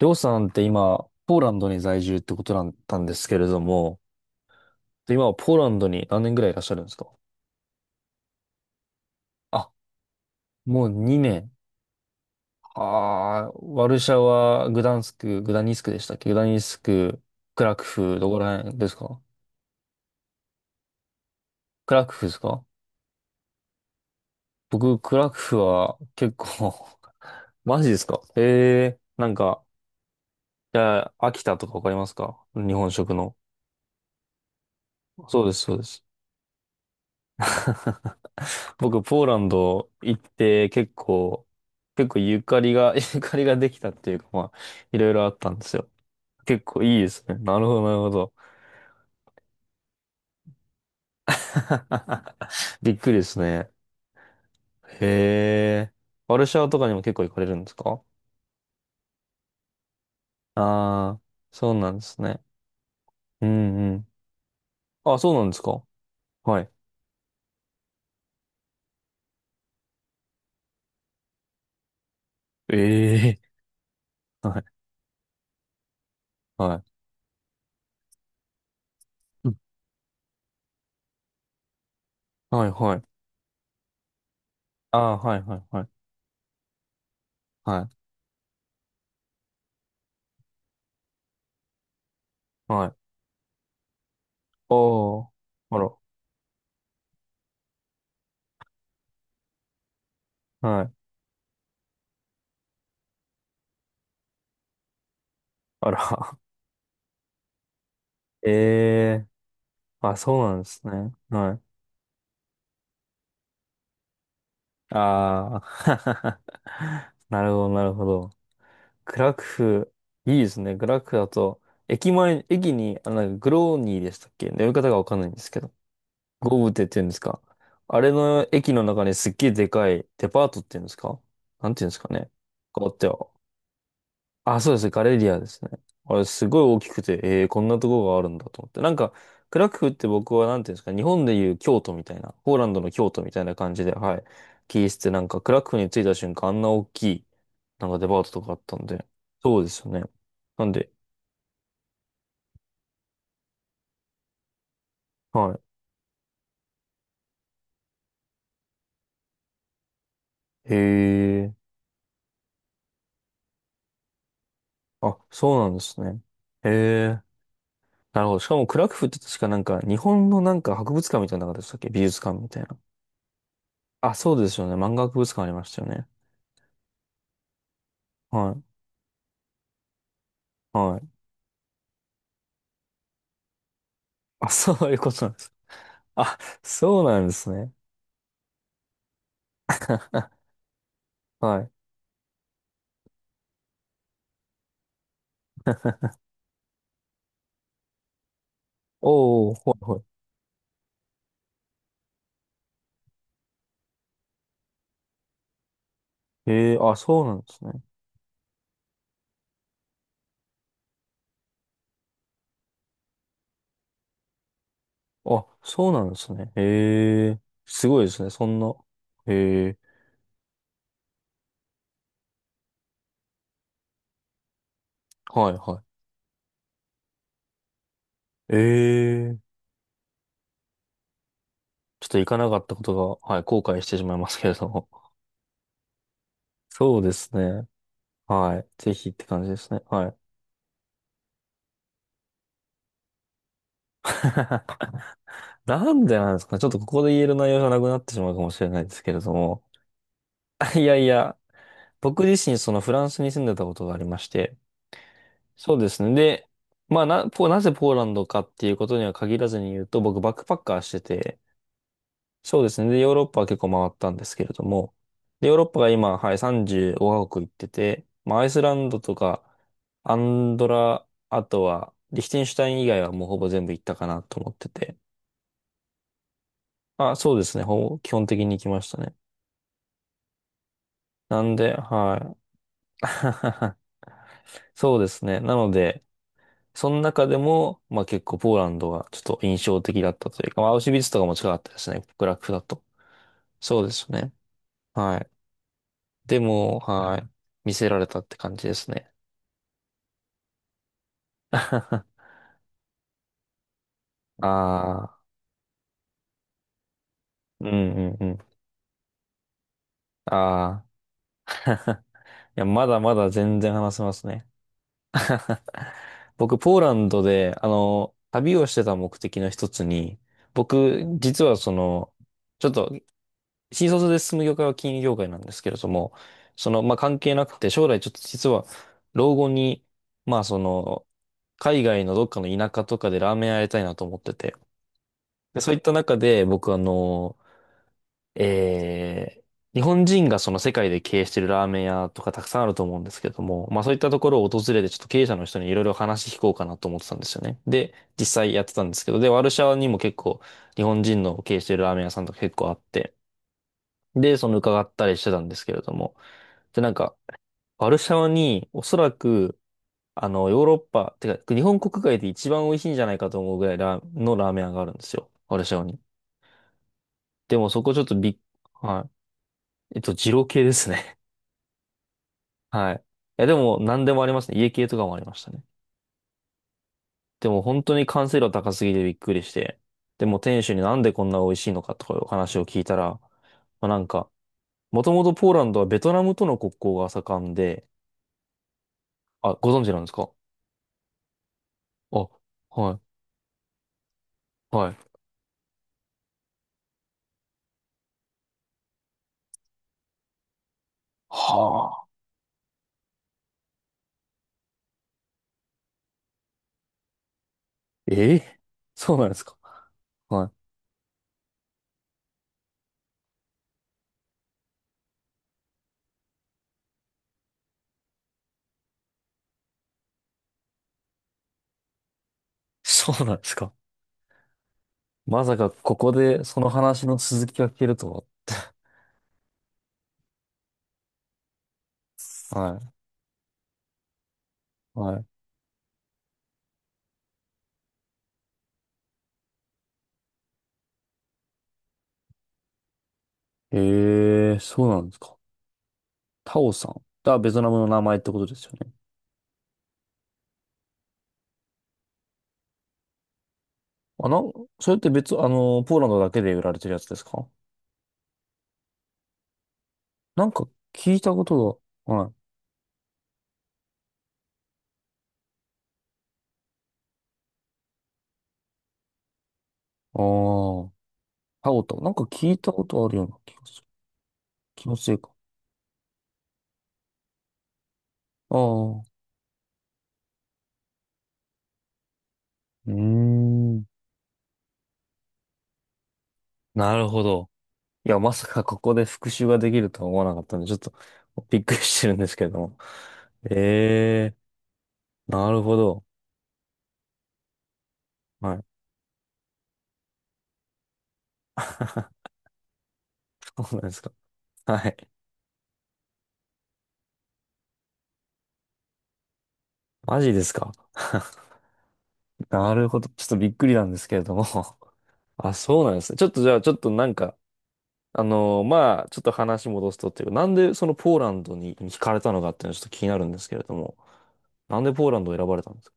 りょうさんって今、ポーランドに在住ってことだったんですけれども、で今はポーランドに何年ぐらいいらっしゃるんですか？あ、もう2年。ああ、ワルシャワ、グダンスク、グダニスクでしたっけ、グダニスク、クラクフ、どこら辺ですか？クラクフですか？僕、クラクフは結構 マジですか。へえー、じゃあ、秋田とかわかりますか、日本食の。そうです、そうです。僕、ポーランド行って結構、結構ゆかりが、ゆかりができたっていうか、いろいろあったんですよ。結構いいですね。なるほど、なるほど。びっくりですね。へえ。ワルシャワとかにも結構行かれるんですか？ああー、そうなんですね。うんうん。あ、そうなんですか。はい。ええ。はい、はい。うん、はい、はい。ああ、はい、はい、はい。はい、はい。おー。あら。はい。あら。ええ。あ、そうなんですね。はい。ああ、なるほど、なるほど。グラクフ、いいですね。グラクフだと、駅前、駅に、あ、なんかグローニーでしたっけ、呼び方がわかんないんですけど。ゴブテって言うんですか。あれの駅の中にすっげえでかいデパートっていうんですか、なんていうんですかね。変わって、あ、そうです。ガレリアですね。あれ、すごい大きくて、こんなとこがあるんだと思って。クラクフって僕は、なんていうんですか、日本でいう京都みたいな、ポーランドの京都みたいな感じで、はい。聞いてて、なんか、クラクフに着いた瞬間、あんな大きい、なんかデパートとかあったんで、そうですよね。なんで、はい。へえ、あ、そうなんですね。へえ、なるほど。しかも、クラクフって確かなんか、日本のなんか博物館みたいなのなかっでしたっけ、美術館みたいな。あ、そうですよね。漫画博物館ありましたよね。はい。はい。あ、そういうことなんです。あ、そうなんですね。はい。おーおー、はいはい。へえー、あ、そうなんですね。あ、そうなんですね。へえー、すごいですね。そんな。へえー、はいはい。ええ、ちょっと行かなかったことが、はい、後悔してしまいますけれども。そうですね。はい。ぜひって感じですね。はい。なんでなんですかね。ちょっとここで言える内容じゃなくなってしまうかもしれないですけれども。いやいや、僕自身そのフランスに住んでたことがありまして、そうですね。で、なぜポーランドかっていうことには限らずに言うと、僕バックパッカーしてて、そうですね。で、ヨーロッパは結構回ったんですけれども、で、ヨーロッパが今、はい、35カ国行ってて、まあ、アイスランドとか、アンドラ、あとは、リヒテンシュタイン以外はもうほぼ全部行ったかなと思ってて。あ、そうですね。ほぼ基本的に行きましたね。なんで、はい。そうですね。なので、その中でも、まあ結構ポーランドがちょっと印象的だったというか、まあアウシュビッツとかも近かったですね、極楽だと。そうですね。はい。でも、はい。見せられたって感じですね。ああ、うんうんうん。ああ。いや、まだまだ全然話せますね。僕、ポーランドで、旅をしてた目的の一つに、僕、実はその、ちょっと新卒で進む業界は金融業界なんですけれども、その、まあ、関係なくて、将来ちょっと実は、老後に、まあ、その、海外のどっかの田舎とかでラーメン屋やりたいなと思ってて、で、そういった中で、僕、えー日本人がその世界で経営してるラーメン屋とかたくさんあると思うんですけども、まあそういったところを訪れてちょっと経営者の人にいろいろ話聞こうかなと思ってたんですよね。で、実際やってたんですけど、で、ワルシャワにも結構日本人の経営してるラーメン屋さんとか結構あって、で、その伺ったりしてたんですけれども。で、なんか、ワルシャワに、おそらく、ヨーロッパ、てか、日本国外で一番美味しいんじゃないかと思うぐらいラーメン屋があるんですよ。ワルシャワに。でもそこちょっとびっ、はい。えっと、二郎系ですね。はい。いや、でも、何でもありますね。家系とかもありましたね。でも、本当に完成度高すぎてびっくりして。でも、店主になんでこんな美味しいのかとかいうお話を聞いたら、まあ、なんか、もともとポーランドはベトナムとの国交が盛んで、あ、ご存知なんですか？あ、はい、はい。はあ。ええ、そうなんですか。はい。そうなんですか。まさかここでその話の続きが聞けるとは。はい、はい。ええ、そうなんですか。タオさん。がベトナムの名前ってことですよね。あ、なん、それって別、あの、ポーランドだけで売られてるやつですか？なんか聞いたことが、はい。ああ、タオタオ。なんか聞いたことあるような気がする。気のせいか。ああ、うーん。なるほど。いや、まさかここで復習ができるとは思わなかったんで、ちょっとびっくりしてるんですけれども。ええー、なるほど。はい。そうなんですか。はい。マジですか。なるほど。ちょっとびっくりなんですけれども。あ、そうなんですね。ちょっとじゃあ、ちょっとなんか、まあ、ちょっと話戻すとっていうか、なんでそのポーランドに惹かれたのかっていうのはちょっと気になるんですけれども。なんでポーランドを選ばれたんですか？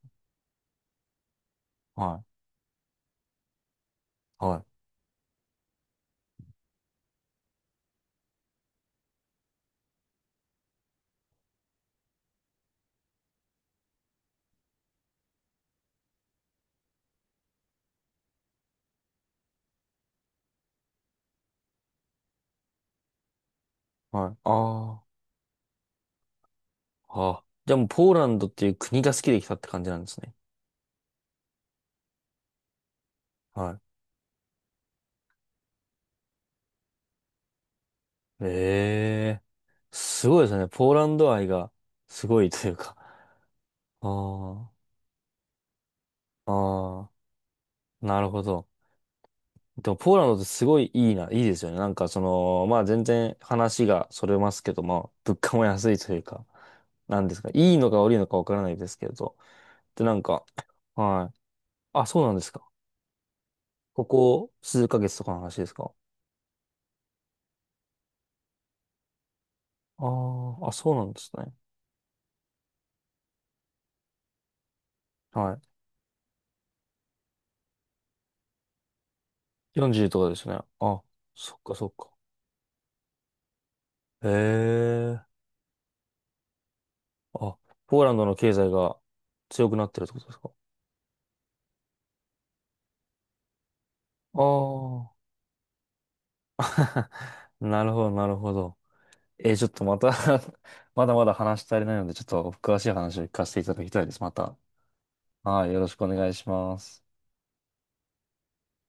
はい。はい。はい。ああ。あ、じゃあもうポーランドっていう国が好きで来たって感じなんですね。はい。ええ、すごいですね。ポーランド愛がすごいというか。ああ、ああ、なるほど。でも、ポーランドってすごいいいな、いいですよね。なんか、その、まあ全然話がそれますけど、まあ物価も安いというか、なんですか、いいのか悪いのかわからないですけど。で、なんか、はい。あ、そうなんですか。ここ数ヶ月とかの話ですか。ああ、あ、そうなんですね。はい、40とかですね。あ、そっかそっか。へえ。あ、ポーランドの経済が強くなってるってことですか？ああー、なるほど、なるほど。えーちょっとまた まだまだ話し足りないので、ちょっと詳しい話を聞かせていただきたいです。また。はい、よろしくお願いします。